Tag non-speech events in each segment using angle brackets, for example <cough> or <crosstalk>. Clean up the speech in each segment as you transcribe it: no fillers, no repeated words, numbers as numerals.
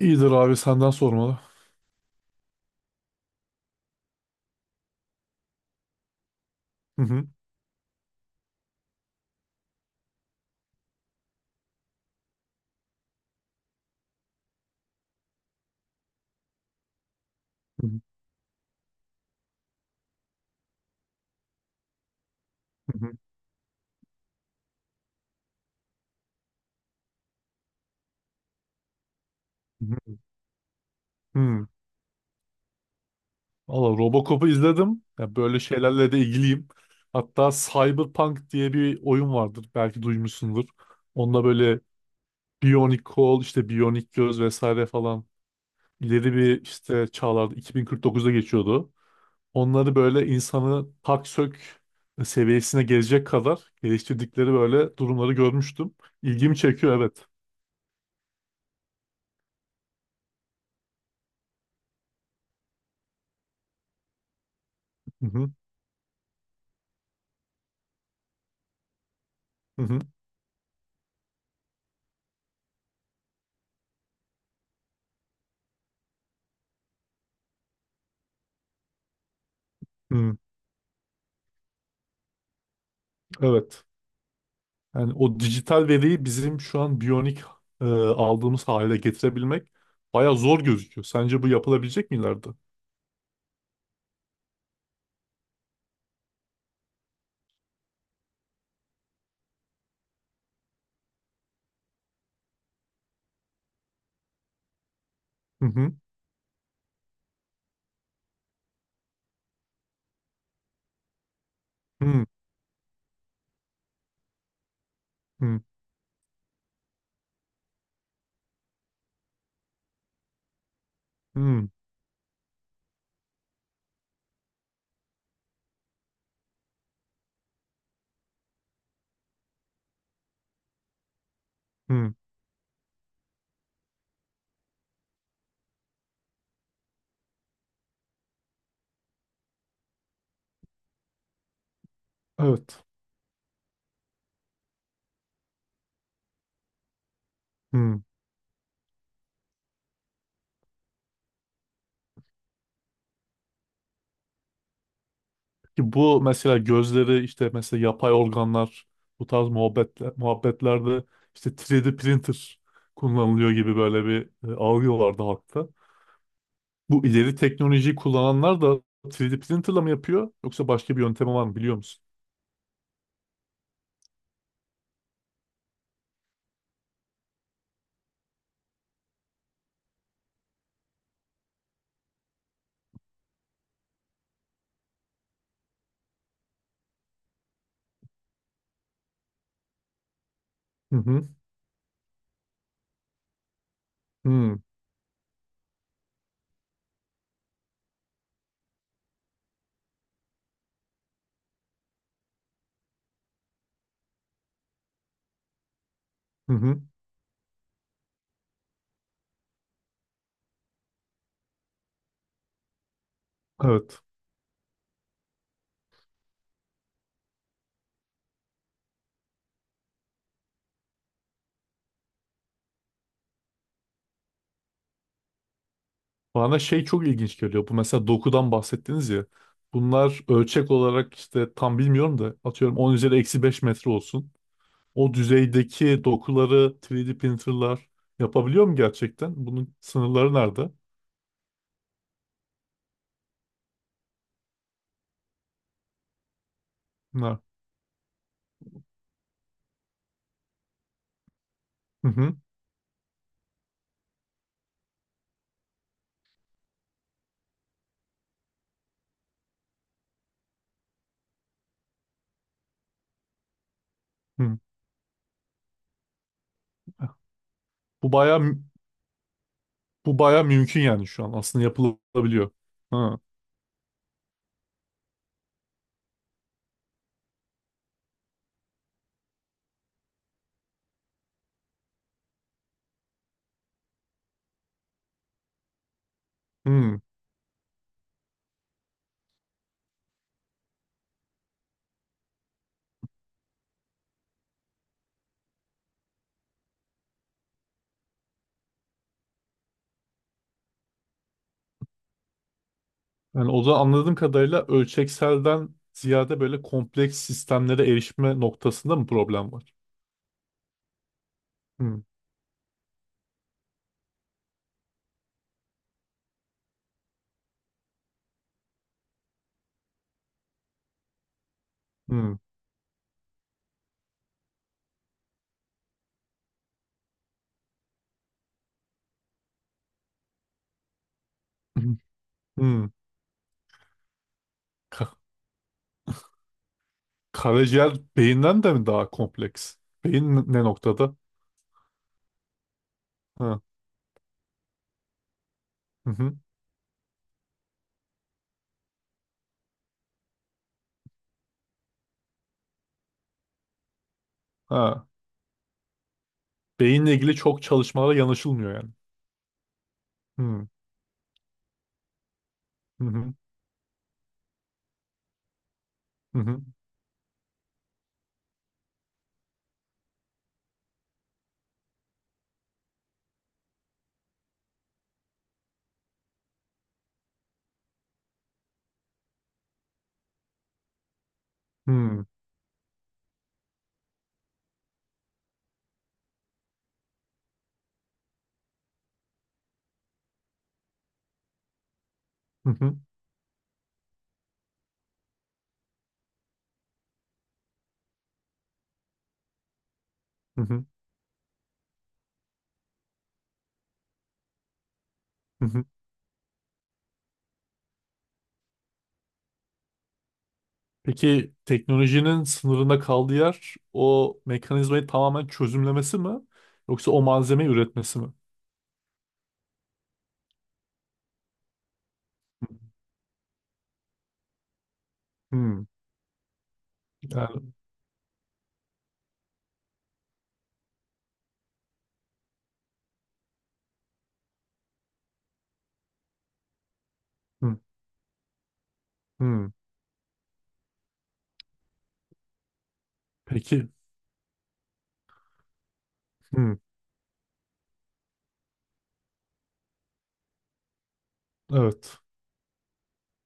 İyidir abi senden sormalı. Hı hı. Hı hı. Hı hı. Hı. Valla Robocop'u izledim. Ya böyle şeylerle de ilgiliyim. Hatta Cyberpunk diye bir oyun vardır. Belki duymuşsundur. Onda böyle biyonik kol, işte biyonik göz vesaire falan ileri bir işte çağlarda 2049'da geçiyordu. Onları böyle insanı tak sök seviyesine gelecek kadar geliştirdikleri böyle durumları görmüştüm. İlgimi çekiyor, evet. Hı hı. Hı hı. Hı. Evet. Yani o dijital veriyi bizim şu an biyonik aldığımız hale getirebilmek baya zor gözüküyor. Sence bu yapılabilecek mi ileride? Hı hı. Hı hı. Hı hı. Evet. Hı. Ki bu mesela gözleri, işte mesela yapay organlar, bu tarz muhabbetle, muhabbetlerde işte 3D printer kullanılıyor gibi böyle bir algı vardı halkta. Bu ileri teknolojiyi kullananlar da 3D printerla mı yapıyor yoksa başka bir yöntemi var mı biliyor musun? Hı hı. Hı hı. Hı. Evet. Bana şey çok ilginç geliyor. Bu mesela dokudan bahsettiniz ya. Bunlar ölçek olarak işte tam bilmiyorum da, atıyorum 10 üzeri eksi 5 metre olsun. O düzeydeki dokuları 3D printerlar yapabiliyor mu gerçekten? Bunun sınırları nerede? Bunlar. Hı hı. Hı. Bu baya bu baya mümkün yani şu an. Aslında yapılabiliyor. Ha. Hı. Yani o da anladığım kadarıyla ölçekselden ziyade böyle kompleks sistemlere erişme noktasında mı problem var? Hı. Hı. Hı. Hı. Karaciğer beyinden de mi daha kompleks? Ne noktada? Ha. Hı hı. Ha. Beyinle ilgili çok çalışmalara yanaşılmıyor yani. Hı. Hı hı. Hı hı. Hı. Hı hı. Hı hı. Hı. Peki teknolojinin sınırında kaldığı yer o mekanizmayı tamamen çözümlemesi mi? Yoksa o malzemeyi üretmesi mi? Hı. Yani. Hı. Hı. Peki. Hı. Evet.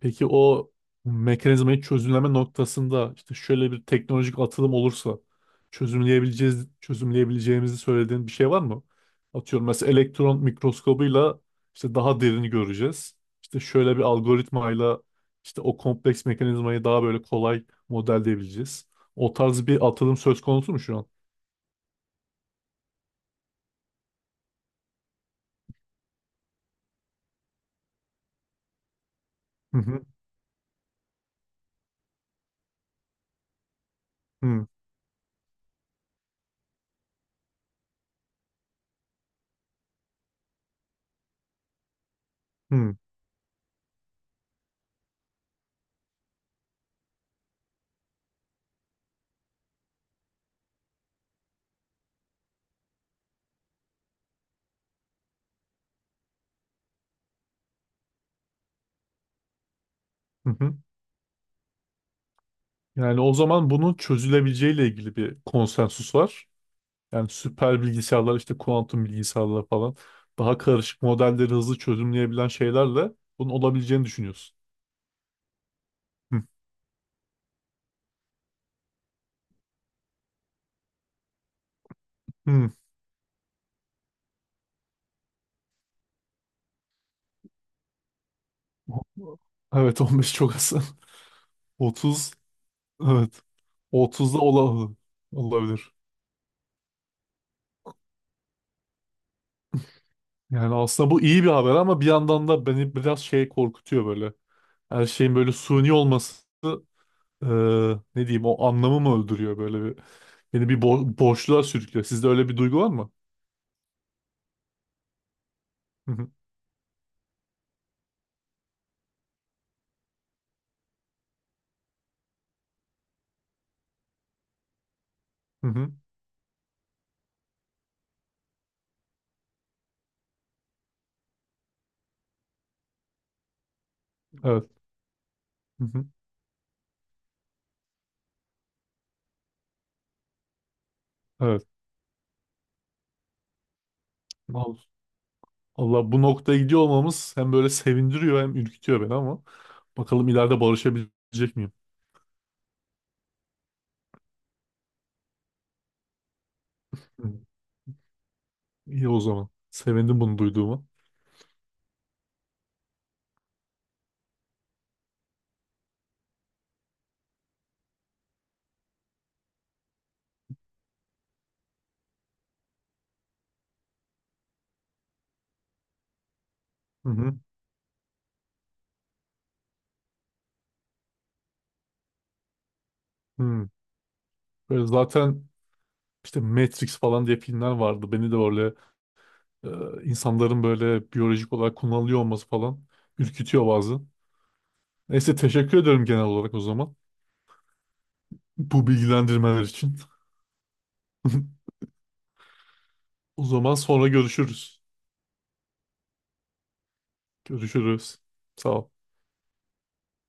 Peki o mekanizmayı çözümleme noktasında işte şöyle bir teknolojik atılım olursa çözümleyebileceğiz, çözümleyebileceğimizi söylediğin bir şey var mı? Atıyorum mesela elektron mikroskobuyla işte daha derini göreceğiz. İşte şöyle bir algoritmayla işte o kompleks mekanizmayı daha böyle kolay modelleyebileceğiz. O tarz bir atılım söz konusu mu şu an? Hı hı. Hı hı. Hı hı. Yani o zaman bunun çözülebileceğiyle ilgili bir konsensus var. Yani süper bilgisayarlar, işte kuantum bilgisayarlar falan, daha karışık modelleri hızlı çözümleyebilen şeylerle bunun olabileceğini düşünüyorsun. Hı. Hı. Evet. <laughs> 15 çok az. <laughs> 30, evet. 30'da ola olabilir. Yani aslında bu iyi bir haber ama bir yandan da beni biraz şey korkutuyor böyle. Her şeyin böyle suni olması, e, ne diyeyim, o anlamı mı öldürüyor, böyle bir, beni bir boşluğa sürüklüyor. Sizde öyle bir duygu var mı? Hı hı. Hı hı. Evet. Hı hı. Evet. Allah, bu noktaya gidiyor olmamız hem böyle sevindiriyor hem ürkütüyor beni, ama bakalım ileride barışabilecek miyim? Hı. İyi o zaman. Sevindim bunu duyduğuma. Hı hı. Hı. Böyle zaten işte Matrix falan diye filmler vardı. Beni de böyle insanların böyle biyolojik olarak kullanılıyor olması falan ürkütüyor bazı. Neyse, teşekkür ederim genel olarak o zaman. Bu bilgilendirmeler için. <laughs> O zaman sonra görüşürüz. Görüşürüz. Sağ ol.